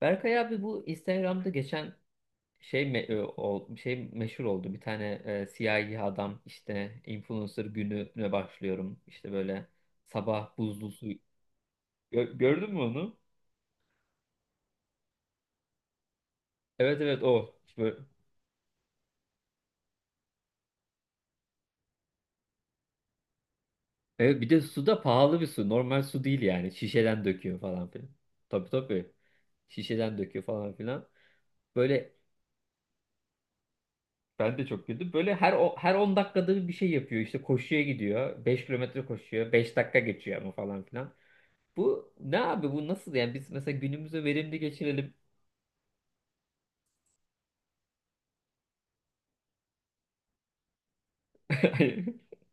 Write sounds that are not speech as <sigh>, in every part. Berkay abi, bu Instagram'da geçen şey meşhur oldu. Bir tane siyahi adam, işte, influencer gününe başlıyorum. İşte böyle sabah buzlu su. Gördün mü onu? Evet, evet, o. İşte böyle. Evet, bir de su da pahalı bir su. Normal su değil yani. Şişeden döküyor falan filan. Tabii, tabii. Şişeden döküyor falan filan. Böyle ben de çok güldüm. Böyle her 10 dakikada bir şey yapıyor. İşte koşuya gidiyor. Beş kilometre koşuyor. Beş dakika geçiyor ama falan filan. Bu ne abi, bu nasıl yani? Biz mesela günümüzü verimli geçirelim. <laughs>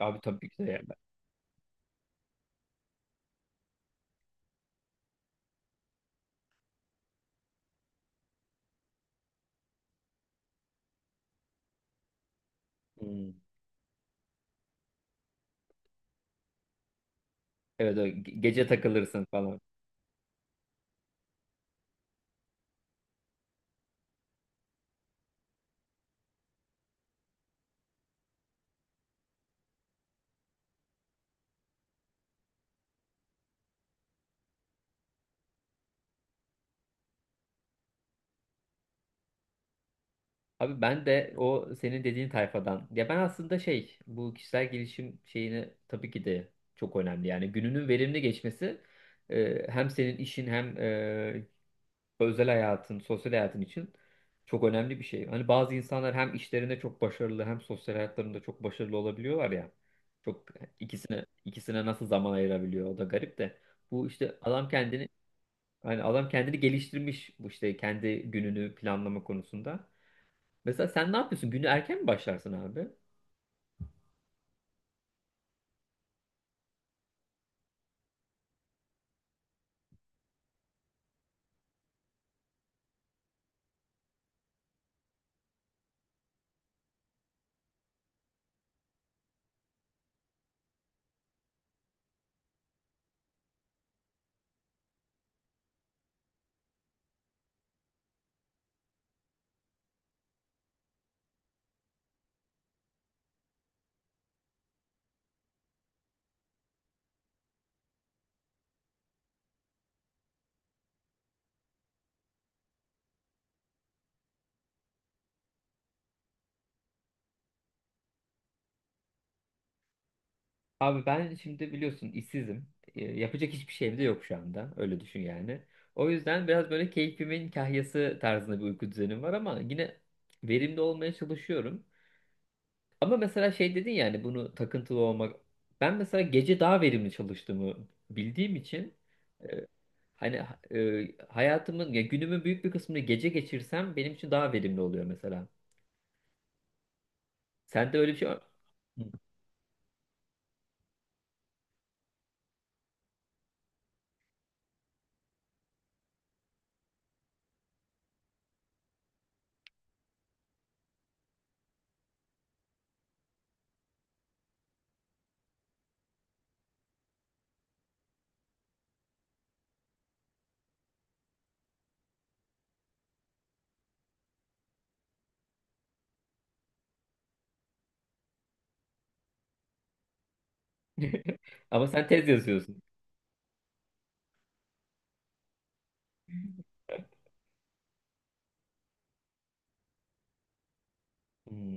Abi tabii ki de yani. Hmm. Evet, gece takılırsın falan. Abi, ben de o senin dediğin tayfadan. Ya ben aslında şey, bu kişisel gelişim şeyini tabii ki de çok önemli. Yani gününün verimli geçmesi hem senin işin hem özel hayatın, sosyal hayatın için çok önemli bir şey. Hani bazı insanlar hem işlerinde çok başarılı hem sosyal hayatlarında çok başarılı olabiliyorlar ya. Çok ikisine nasıl zaman ayırabiliyor, o da garip de. Bu işte adam kendini Hani adam kendini geliştirmiş, bu işte kendi gününü planlama konusunda. Mesela sen ne yapıyorsun? Günü erken mi başlarsın abi? Abi ben şimdi biliyorsun, işsizim. Yapacak hiçbir şeyim de yok şu anda. Öyle düşün yani. O yüzden biraz böyle keyfimin kahyası tarzında bir uyku düzenim var ama yine verimli olmaya çalışıyorum. Ama mesela şey dedin, yani bunu takıntılı olmak. Ben mesela gece daha verimli çalıştığımı bildiğim için, e, hani hayatımın ya günümün büyük bir kısmını gece geçirsem benim için daha verimli oluyor mesela. Sen de öyle bir şey var. <laughs> Ama sen tez yazıyorsun. Hmm.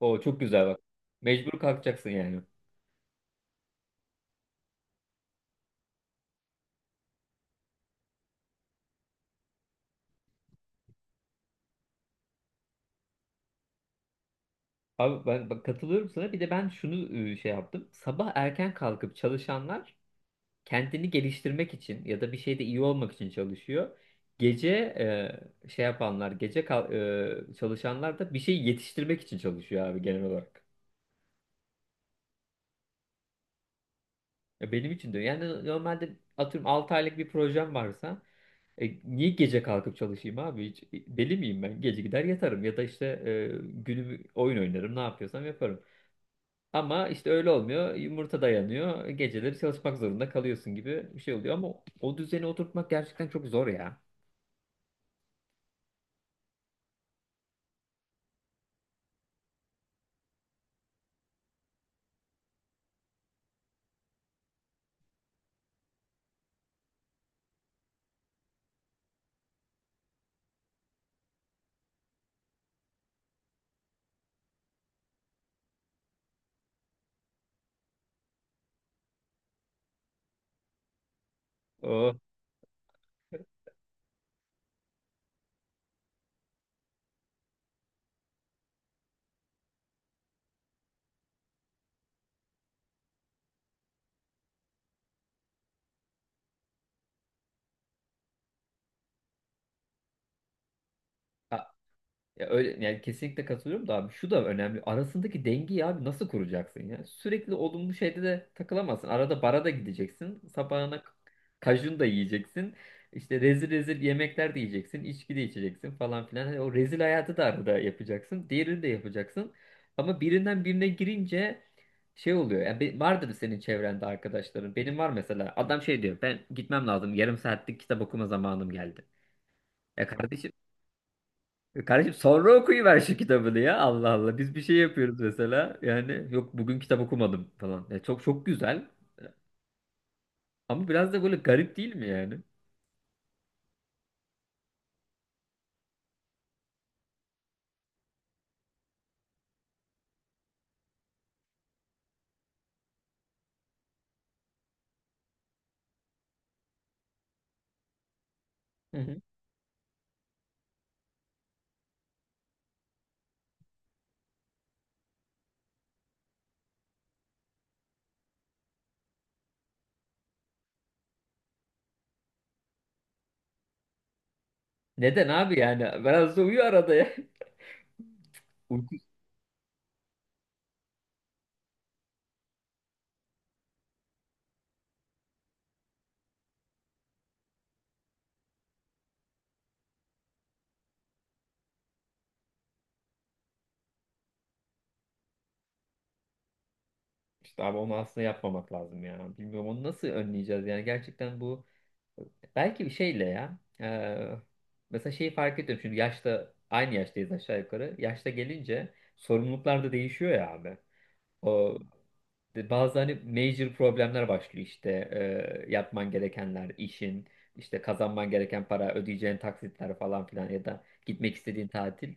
O çok güzel, bak. Mecbur kalkacaksın yani. Abi ben bak katılıyorum sana. Bir de ben şunu şey yaptım. Sabah erken kalkıp çalışanlar kendini geliştirmek için ya da bir şeyde iyi olmak için çalışıyor. Gece e, şey yapanlar, gece kal- e, çalışanlar da bir şey yetiştirmek için çalışıyor abi, genel olarak. Ya benim için de. Yani normalde atıyorum 6 aylık bir projem varsa niye gece kalkıp çalışayım abi? Hiç, deli miyim ben? Gece gider yatarım ya da işte, günümü oyun oynarım, ne yapıyorsam yaparım. Ama işte öyle olmuyor. Yumurta dayanıyor. Geceleri çalışmak zorunda kalıyorsun gibi bir şey oluyor. Ama o düzeni oturtmak gerçekten çok zor ya. O ya öyle yani, kesinlikle katılıyorum da abi, şu da önemli. Arasındaki dengeyi abi nasıl kuracaksın ya? Sürekli olumlu şeyde de takılamazsın. Arada bara da gideceksin. Sabahına kajun da yiyeceksin. İşte rezil rezil yemekler de yiyeceksin. İçki de içeceksin falan filan. Hani o rezil hayatı da arada yapacaksın. Diğerini de yapacaksın. Ama birinden birine girince şey oluyor. Yani vardır senin çevrende arkadaşların. Benim var mesela. Adam şey diyor. Ben gitmem lazım. Yarım saatlik kitap okuma zamanım geldi. Ya kardeşim, kardeşim sonra okuyuver şu kitabını ya. Allah Allah. Biz bir şey yapıyoruz mesela. Yani yok, bugün kitap okumadım falan. Ya çok çok güzel. Ama biraz da böyle garip değil mi yani? Hı hı. Neden abi yani? Biraz da uyu arada ya. <laughs> Uyku işte abi, onu aslında yapmamak lazım ya. Bilmiyorum onu nasıl önleyeceğiz yani, gerçekten bu belki bir şeyle ya. Mesela şeyi fark ediyorum şimdi, yaşta aynı yaştayız aşağı yukarı. Yaşta gelince sorumluluklar da değişiyor ya abi. O Bazı hani major problemler başlıyor, işte yapman gerekenler, işin, işte kazanman gereken para, ödeyeceğin taksitler falan filan ya da gitmek istediğin tatil.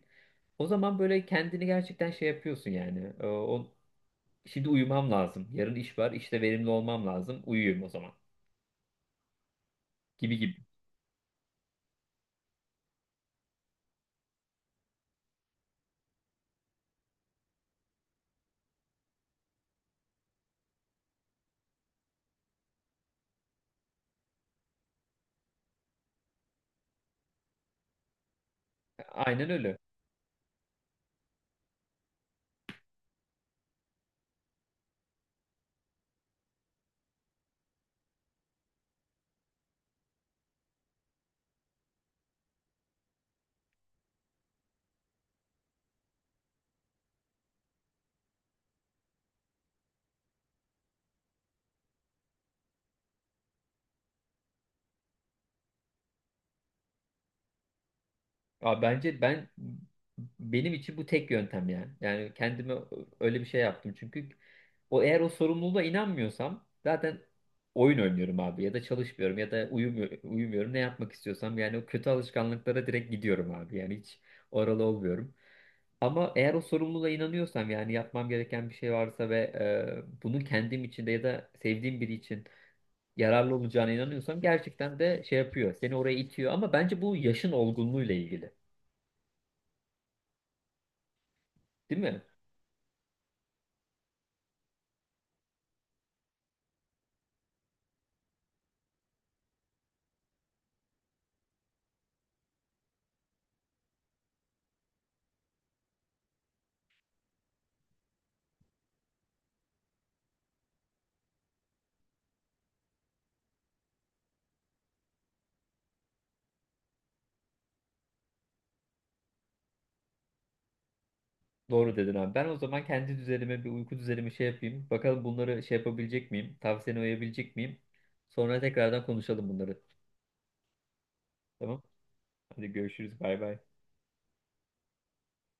O zaman böyle kendini gerçekten şey yapıyorsun yani. Şimdi uyumam lazım. Yarın iş var, işte verimli olmam lazım. Uyuyayım o zaman. Gibi gibi. Aynen öyle. Abi bence ben Benim için bu tek yöntem yani. Yani kendime öyle bir şey yaptım. Çünkü eğer o sorumluluğa inanmıyorsam zaten oyun oynuyorum abi, ya da çalışmıyorum ya da uyumuyorum, ne yapmak istiyorsam yani, o kötü alışkanlıklara direkt gidiyorum abi. Yani hiç oralı olmuyorum. Ama eğer o sorumluluğa inanıyorsam, yani yapmam gereken bir şey varsa ve bunun kendim için de ya da sevdiğim biri için yararlı olacağına inanıyorsam, gerçekten de şey yapıyor. Seni oraya itiyor ama bence bu yaşın olgunluğuyla ilgili. Değil mi? Doğru dedin abi. Ben o zaman kendi düzenime bir uyku düzenimi şey yapayım. Bakalım bunları şey yapabilecek miyim? Tavsiyene uyabilecek miyim? Sonra tekrardan konuşalım bunları. Tamam. Hadi görüşürüz. Bay bay.